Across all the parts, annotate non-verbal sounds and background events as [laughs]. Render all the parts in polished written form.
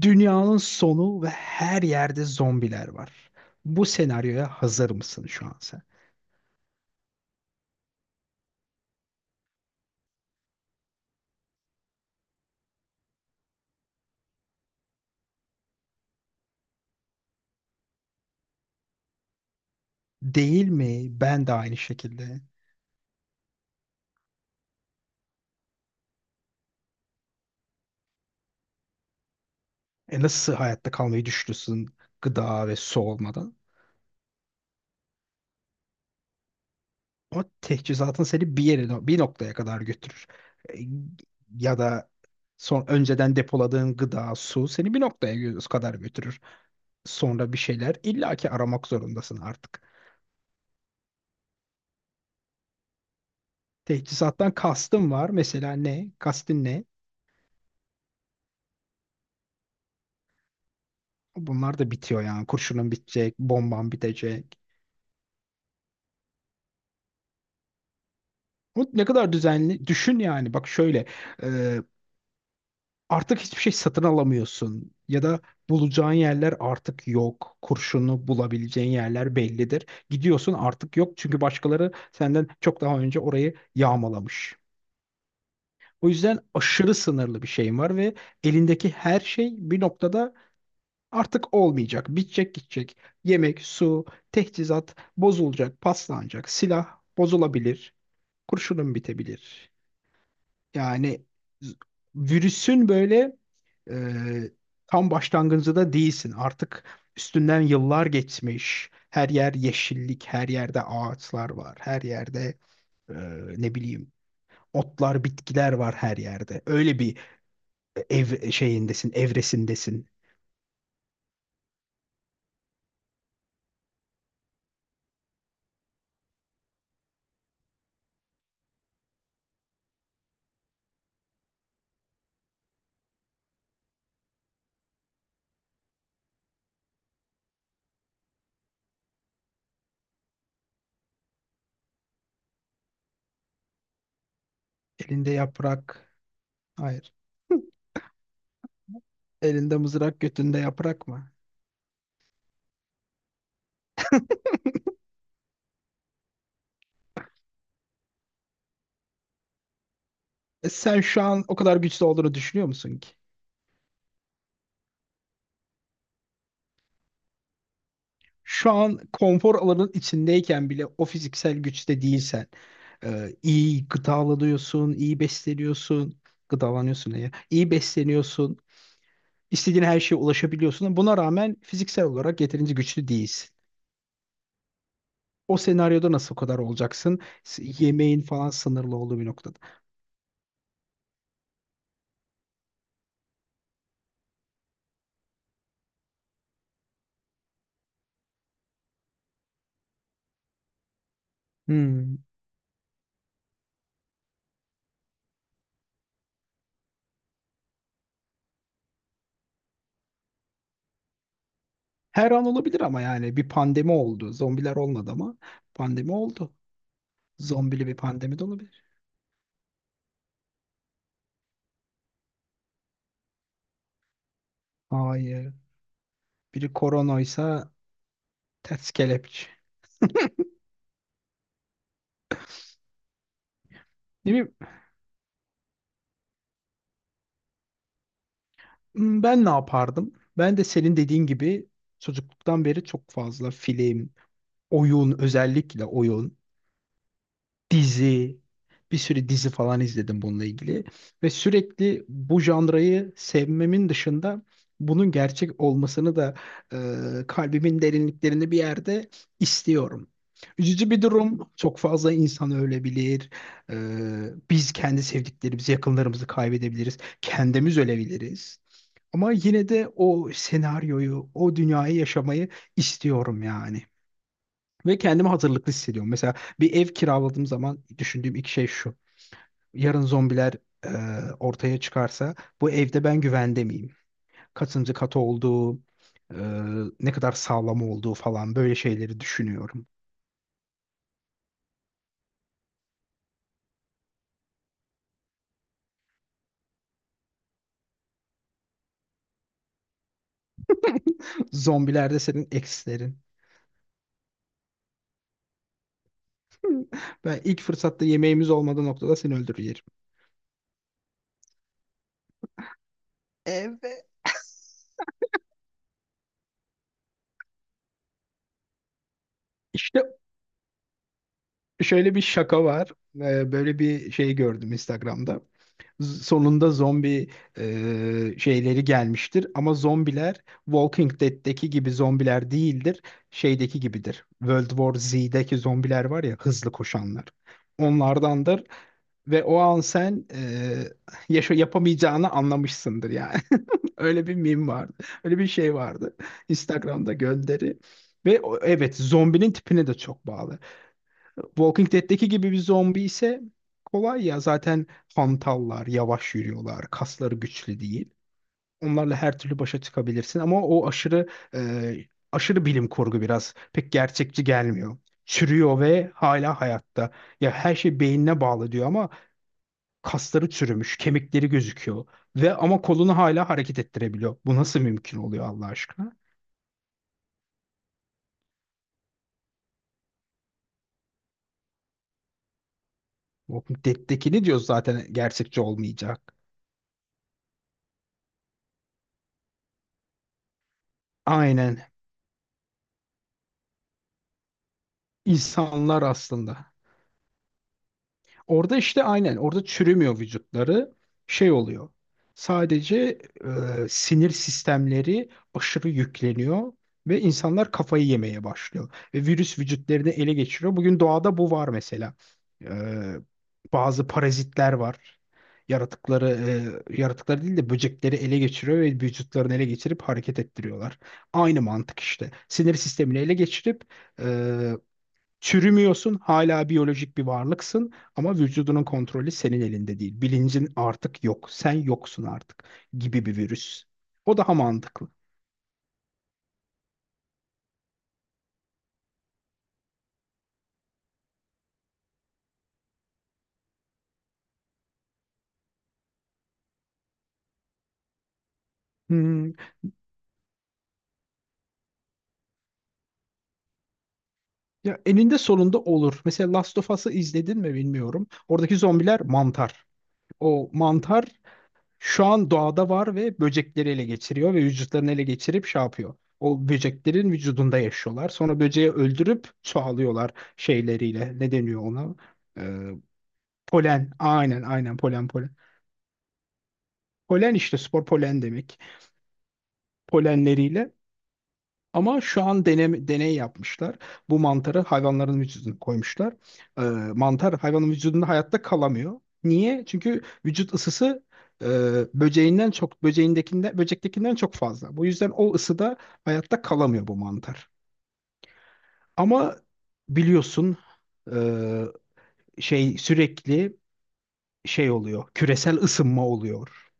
Dünyanın sonu ve her yerde zombiler var. Bu senaryoya hazır mısın şu an sen? Değil mi? Ben de aynı şekilde. E nasıl hayatta kalmayı düşünürsün gıda ve su olmadan? O teçhizatın seni bir yere, no, bir noktaya kadar götürür. E, Ya da son önceden depoladığın gıda, su seni bir noktaya kadar götürür. Sonra bir şeyler illaki aramak zorundasın artık. Teçhizattan kastım var. Mesela ne? Kastın ne? Bunlar da bitiyor yani. Kurşunun bitecek, bomban bitecek. Bu ne kadar düzenli. Düşün yani. Bak şöyle. e, Artık hiçbir şey satın alamıyorsun. Ya da bulacağın yerler artık yok. Kurşunu bulabileceğin yerler bellidir. Gidiyorsun artık yok. Çünkü başkaları senden çok daha önce orayı yağmalamış. O yüzden aşırı sınırlı bir şeyim var ve elindeki her şey bir noktada artık olmayacak. Bitecek gidecek. Yemek, su, teçhizat bozulacak, paslanacak. Silah bozulabilir. Kurşunun bitebilir. Yani z- virüsün böyle e, tam başlangıcında da değilsin. Artık üstünden yıllar geçmiş. Her yer yeşillik, her yerde ağaçlar var. Her yerde e, ne bileyim otlar, bitkiler var her yerde. Öyle bir evresindesin. Elinde yaprak. Hayır. Elinde mızrak, götünde yaprak mı? E sen şu an o kadar güçlü olduğunu düşünüyor musun ki? Şu an konfor alanın içindeyken bile o fiziksel güçte değilsen, iyi gıdalanıyorsun, iyi besleniyorsun, iyi besleniyorsun, istediğin her şeye ulaşabiliyorsun. Buna rağmen fiziksel olarak yeterince güçlü değilsin. O senaryoda nasıl o kadar olacaksın? Yemeğin falan sınırlı olduğu bir noktada. Hmm. Her an olabilir ama yani bir pandemi oldu. Zombiler olmadı ama pandemi oldu. Zombili bir pandemi de olabilir. Hayır. Biri koronoysa ters kelepçe. Ne bileyim, hmm, ben ne yapardım? Ben de senin dediğin gibi çocukluktan beri çok fazla film, oyun, özellikle oyun. Dizi, bir sürü dizi falan izledim bununla ilgili. Ve sürekli bu janrayı sevmemin dışında bunun gerçek olmasını da kalbimin derinliklerinde bir yerde istiyorum. Üzücü bir durum. Çok fazla insan ölebilir. E, Biz kendi sevdiklerimizi, yakınlarımızı kaybedebiliriz. Kendimiz ölebiliriz. Ama yine de o senaryoyu, o dünyayı yaşamayı istiyorum yani. Ve kendimi hazırlıklı hissediyorum. Mesela bir ev kiraladığım zaman düşündüğüm iki şey şu. Yarın zombiler e, ortaya çıkarsa bu evde ben güvende miyim? Kaçıncı katı olduğu, e, ne kadar sağlam olduğu falan böyle şeyleri düşünüyorum. [laughs] Zombiler de senin eksilerin. Ben ilk fırsatta yemeğimiz olmadığı noktada seni öldürür yerim. Evet. İşte şöyle bir şaka var. E, böyle bir şey gördüm Instagram'da. Sonunda zombi şeyleri gelmiştir ama zombiler Walking Dead'deki gibi zombiler değildir. Şeydeki gibidir. World War Z'deki zombiler var ya hızlı koşanlar. Onlardandır ve o an sen yapamayacağını anlamışsındır yani. [laughs] Öyle bir meme vardı. Öyle bir şey vardı. Instagram'da gönderi. Ve evet zombinin tipine de çok bağlı. Walking Dead'deki gibi bir zombi ise kolay ya. Zaten hantallar, yavaş yürüyorlar, kasları güçlü değil. Onlarla her türlü başa çıkabilirsin ama o aşırı e, aşırı bilim kurgu biraz pek gerçekçi gelmiyor. Çürüyor ve hala hayatta. Ya her şey beynine bağlı diyor ama kasları çürümüş, kemikleri gözüküyor ve ama kolunu hala hareket ettirebiliyor. Bu nasıl mümkün oluyor Allah aşkına? Walking Dead'dekini diyoruz zaten gerçekçi olmayacak. Aynen. İnsanlar aslında. Orada işte aynen orada çürümüyor vücutları. Şey oluyor. Sadece sinir sistemleri aşırı yükleniyor ve insanlar kafayı yemeye başlıyor. Ve virüs vücutlarını ele geçiriyor. Bugün doğada bu var mesela. E, Bazı parazitler var. Yaratıkları, yaratıkları değil de böcekleri ele geçiriyor ve vücutlarını ele geçirip hareket ettiriyorlar. Aynı mantık işte. Sinir sistemini ele geçirip e, çürümüyorsun, hala biyolojik bir varlıksın ama vücudunun kontrolü senin elinde değil. Bilincin artık yok, sen yoksun artık gibi bir virüs. O daha mantıklı. Hmm. Ya eninde sonunda olur. Mesela Last of Us'ı izledin mi bilmiyorum. Oradaki zombiler mantar. O mantar şu an doğada var ve böcekleri ele geçiriyor ve vücutlarını ele geçirip şey yapıyor. O böceklerin vücudunda yaşıyorlar. Sonra böceği öldürüp çoğalıyorlar şeyleriyle. Ne deniyor ona? Ee, Polen. Aynen aynen polen polen. Polen işte spor polen demek. Polenleriyle ama şu an deney yapmışlar. Bu mantarı hayvanların vücuduna koymuşlar. Ee, Mantar hayvanın vücudunda hayatta kalamıyor. Niye? Çünkü vücut ısısı e, böceğinden çok böceğindekinden böcektekinden çok fazla. Bu yüzden o ısıda hayatta kalamıyor bu mantar. Ama biliyorsun e, şey sürekli şey oluyor. Küresel ısınma oluyor.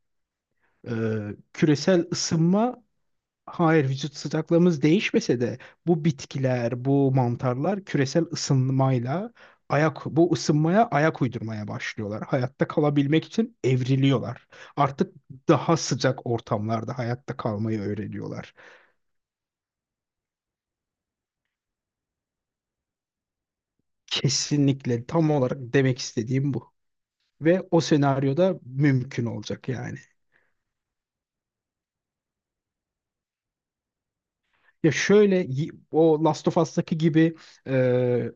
Ee, küresel ısınma Hayır, vücut sıcaklığımız değişmese de bu bitkiler, bu mantarlar küresel ısınmayla bu ısınmaya ayak uydurmaya başlıyorlar. Hayatta kalabilmek için evriliyorlar. Artık daha sıcak ortamlarda hayatta kalmayı öğreniyorlar. Kesinlikle tam olarak demek istediğim bu. Ve o senaryoda mümkün olacak yani. Ya şöyle o Last of Us'taki gibi e,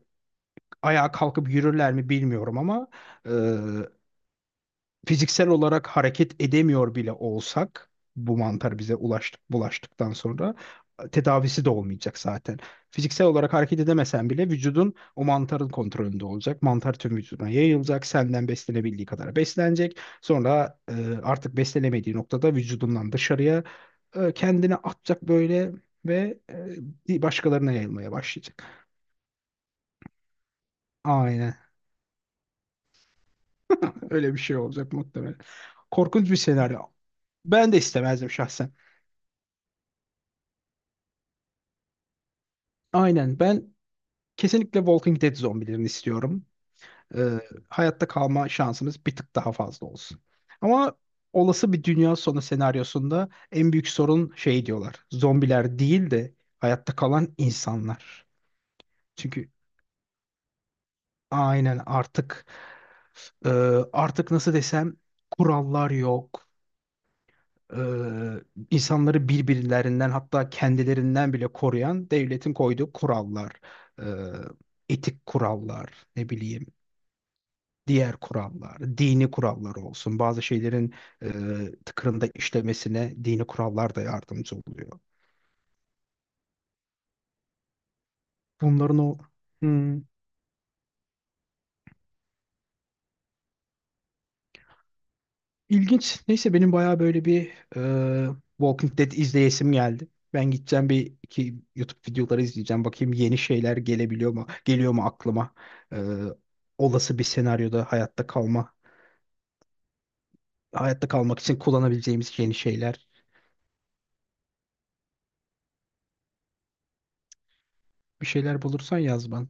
ayağa kalkıp yürürler mi bilmiyorum ama fiziksel olarak hareket edemiyor bile olsak bu mantar bize bulaştıktan sonra tedavisi de olmayacak zaten. Fiziksel olarak hareket edemesen bile vücudun o mantarın kontrolünde olacak. Mantar tüm vücuduna yayılacak. Senden beslenebildiği kadar beslenecek. Sonra artık beslenemediği noktada vücudundan dışarıya kendini atacak böyle ve başkalarına yayılmaya başlayacak. Aynen. Öyle bir şey olacak muhtemelen. Korkunç bir senaryo. Ben de istemezdim şahsen. Aynen ben kesinlikle Walking Dead zombilerini istiyorum. Ee, hayatta kalma şansımız bir tık daha fazla olsun. Ama olası bir dünya sonu senaryosunda en büyük sorun şey diyorlar. Zombiler değil de hayatta kalan insanlar. Çünkü aynen artık e, nasıl desem kurallar yok. Ee, insanları birbirlerinden hatta kendilerinden bile koruyan devletin koyduğu kurallar, e, etik kurallar, ne bileyim diğer kurallar, dini kurallar olsun. Bazı şeylerin tıkırında işlemesine dini kurallar da yardımcı oluyor. Bunların o hmm, ilginç. Neyse benim bayağı böyle bir e, Walking Dead izleyesim geldi. Ben gideceğim bir iki YouTube videoları izleyeceğim. Bakayım yeni şeyler gelebiliyor mu? Geliyor mu aklıma? E, Olası bir senaryoda hayatta kalmak için kullanabileceğimiz yeni şeyler. Bir şeyler bulursan yaz bana.